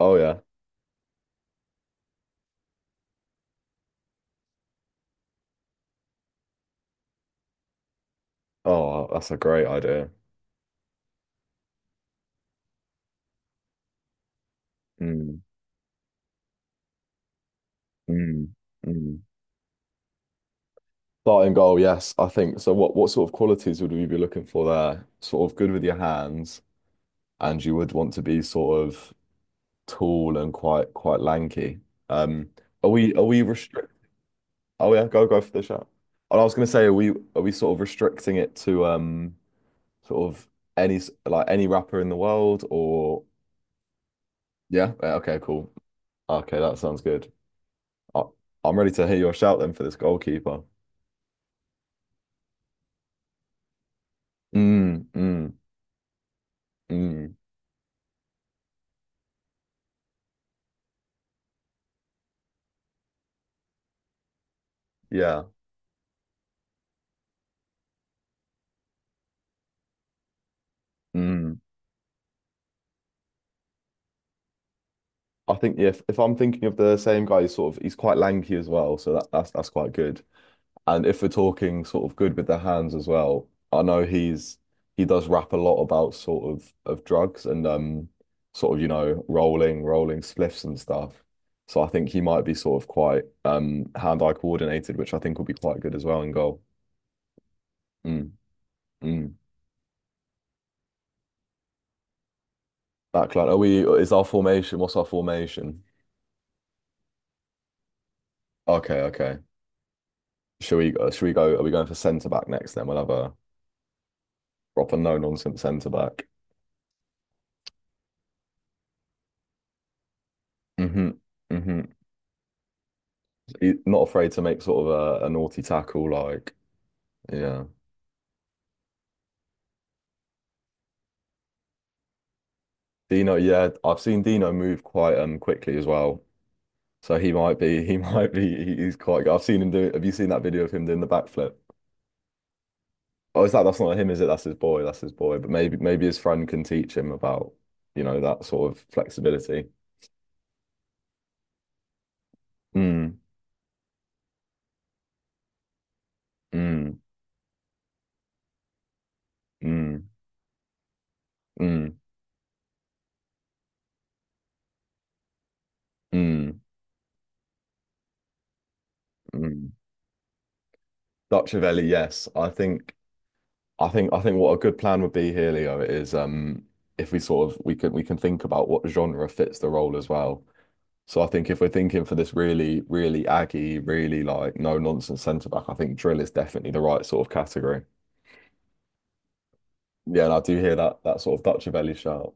Oh yeah. Oh, that's a great idea. Mm, mm, mm. Starting goal, yes, I think. So what sort of qualities would we be looking for there? Sort of good with your hands, and you would want to be sort of tall and quite lanky. Um, are we restrict? Oh yeah, go for the shot. And I was gonna say, are we sort of restricting it to sort of like any rapper in the world or yeah? Yeah, okay, cool. Okay, that sounds good. I, I'm ready to hear your shout then for this goalkeeper. Mm, mm, mm, yeah. Mm. I think yeah, if I'm thinking of the same guy, he's sort of he's quite lanky as well, so that's quite good. And if we're talking sort of good with the hands as well, I know he does rap a lot about sort of drugs and sort of rolling spliffs and stuff. So I think he might be sort of quite hand-eye coordinated, which I think will be quite good as well in goal. Mm, mm. Backline. Are we? Is our formation? What's our formation? Okay, okay. Should we? Should we go? Are we going for centre back next? Then we'll have a proper no nonsense centre back. Hmm, hmm. Not afraid to make sort of a naughty tackle. Like, yeah, Dino. Yeah, I've seen Dino move quite quickly as well. So he might be. He might be. He's quite good. I've seen him do. Have you seen that video of him doing the backflip? Oh, is that? That's not him, is it? That's his boy. That's his boy. But maybe his friend can teach him about, that sort of flexibility. Mm, mm. Mm, mm, mm, mm. Dutchavelli, yes. I think what a good plan would be here, Leo, is if we sort of we can think about what genre fits the role as well. So I think if we're thinking for this really, really aggy, really like no nonsense centre back, I think drill is definitely the right sort of category. Yeah, and I do hear that sort of Dutchavelli shout.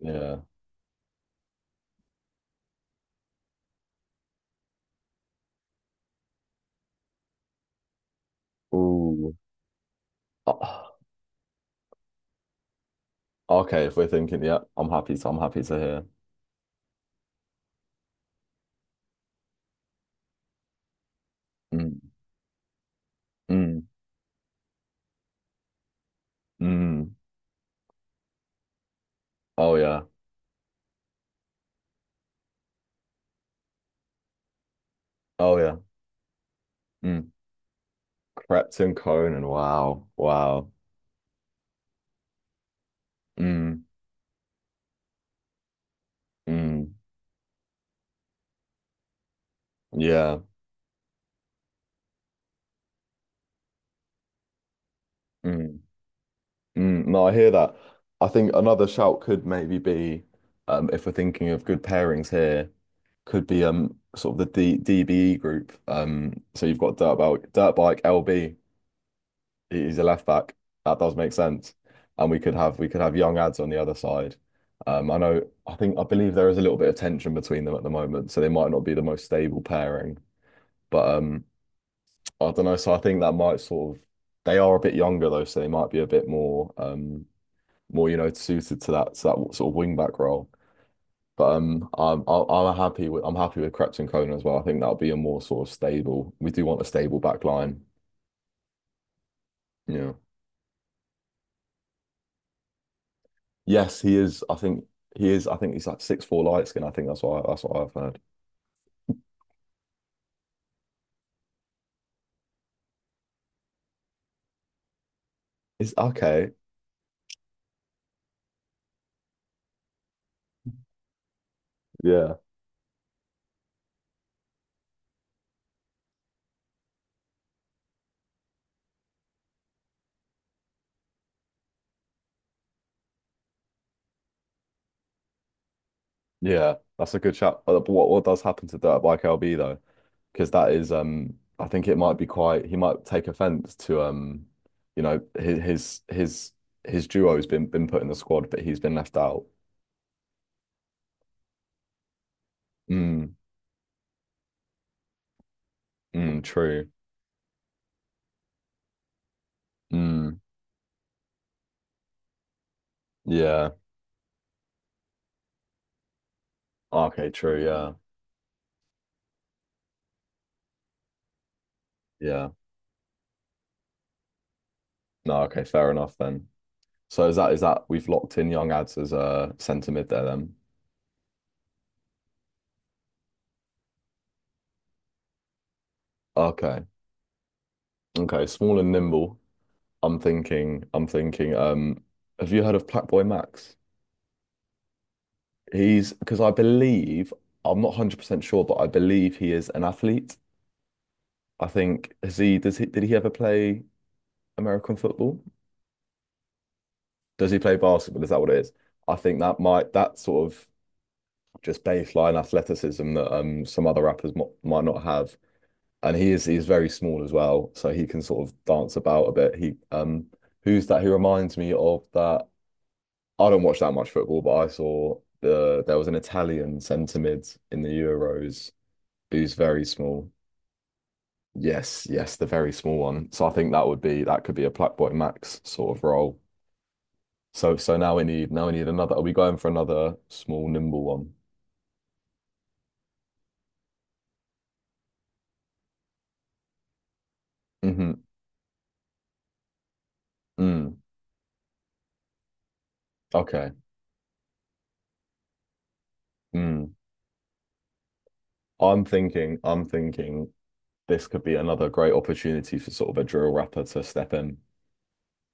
Yeah. Ooh. Ah, okay, if we're thinking, yeah, I'm happy to hear. Mm, mm, mm. Oh yeah. Oh yeah. Mm. Crept Conan. Wow. Wow. Mm, mm, yeah. Mm, mm. No, I hear that. I think another shout could maybe be, if we're thinking of good pairings here, could be sort of the D DBE group. So you've got dirt bike LB. He's a left back. That does make sense. And we could have young ads on the other side. I know. I think I believe there is a little bit of tension between them at the moment, so they might not be the most stable pairing. But I don't know. So I think that might sort of they are a bit younger though, so they might be a bit more more suited to that sort of wing back role. But I'm happy with Krebs and Conan as well. I think that'll be a more sort of stable. We do want a stable back line. Yeah. Yes, he is. I think he is. I think he's like 6'4" light skin. I think that's what I've heard. It's okay. Yeah. Yeah, that's a good shout. But what does happen to Dirtbike LB though? Because that is I think it might be quite he might take offense to you know his his his his duo's been put in the squad but he's been left out. Mm, mm, true. Mm, yeah. Okay, true. Yeah. Yeah. No, okay, fair enough then. So is that we've locked in Young Ads as a centre mid there then? Okay. Okay, small and nimble. I'm thinking, have you heard of Black Boy Max? He's because I believe I'm not 100% sure, but I believe he is an athlete. I think has he does he did he ever play American football? Does he play basketball? Is that what it is? I think that sort of just baseline athleticism that some other rappers mo might not have. And he's very small as well, so he can sort of dance about a bit. He who's that? He reminds me of that. I don't watch that much football, but I saw there was an Italian centre mid in the Euros who's very small. Yes, yes, the very small one. So I think that could be a Blackboy Max sort of role. So now we need another. Are we going for another small nimble one? Hmm. Mm. Okay. Mm. I'm thinking this could be another great opportunity for sort of a drill rapper to step in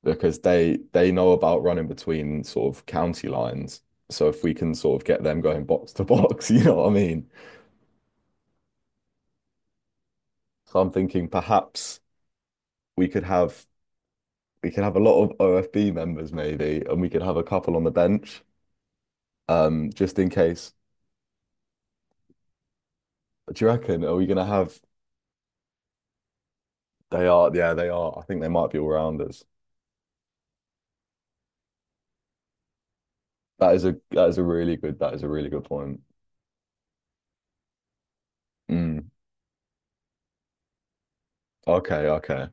because they know about running between sort of county lines. So if we can sort of get them going box to box, you know what I mean? So I'm thinking perhaps we could have we could have a lot of OFB members maybe, and we could have a couple on the bench, just in case. Do you reckon? Are we gonna have? They are, yeah, they are. I think they might be all rounders. That is a really good that is a really good point. Mm, okay, okay.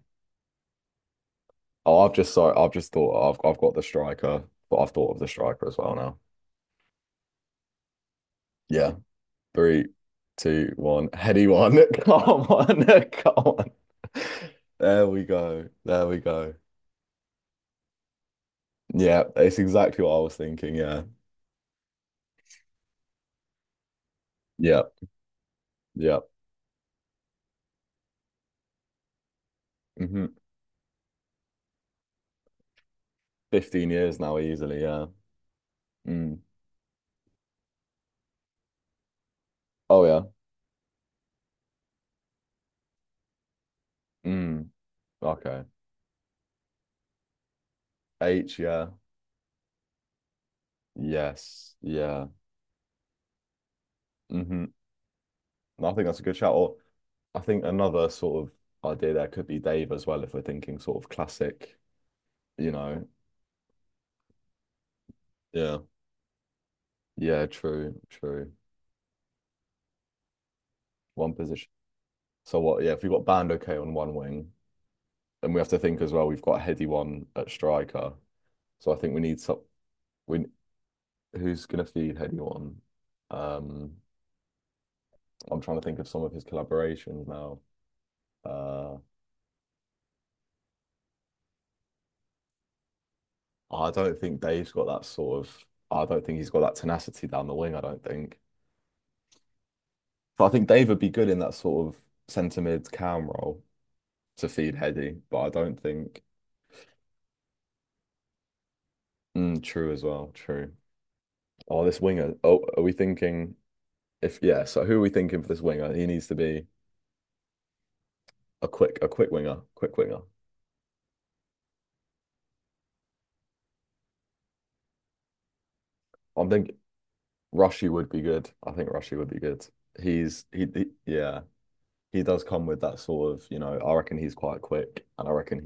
Oh, I've just, sorry, I've just thought I've got the striker, but I've thought of the striker as well now. Yeah, three, two, one, heady one. Come on, come on. There we go. There we go. Yeah, it's exactly what I was thinking. Yeah. Yeah. Yeah. Hmm. 15 years now, easily. Yeah. Mm. Oh, yeah. Mm. Okay. H, yeah. Yes. Yeah. Hmm. I think that's a good shout. Or I think another sort of idea there could be Dave as well, if we're thinking sort of classic, you know. Yeah. Yeah. True. True. One position. So what? Yeah. If we've got Band okay on one wing, and we have to think as well, we've got Heady one at striker. So I think we need some. We, who's going to feed Heady one? Um, I'm trying to think of some of his collaborations now. Uh, I don't think Dave's got that sort of. I don't think he's got that tenacity down the wing. I don't think. But I think Dave would be good in that sort of centre mid cam role to feed Heady. But I don't think. Mm, true as well. True. Oh, this winger. Oh, are we thinking if yeah? So who are we thinking for this winger? He needs to be a quick winger, quick winger. I'm thinking Rushy would be good. I think Rushy would be good. He's he yeah. He does come with that sort of, I reckon he's quite quick and I reckon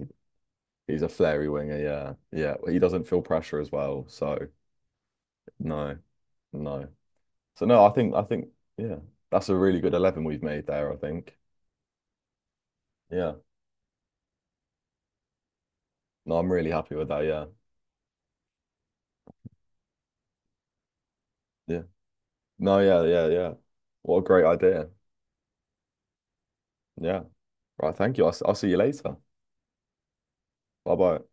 he's a flary winger. Yeah. Yeah. He doesn't feel pressure as well. So no, no. So no, I think, yeah, that's a really good 11 we've made there. I think. Yeah. No, I'm really happy with that. Yeah. Yeah. No, yeah. Yeah. Yeah. What a great idea. Yeah. Right. Thank you. I'll see you later. Bye bye.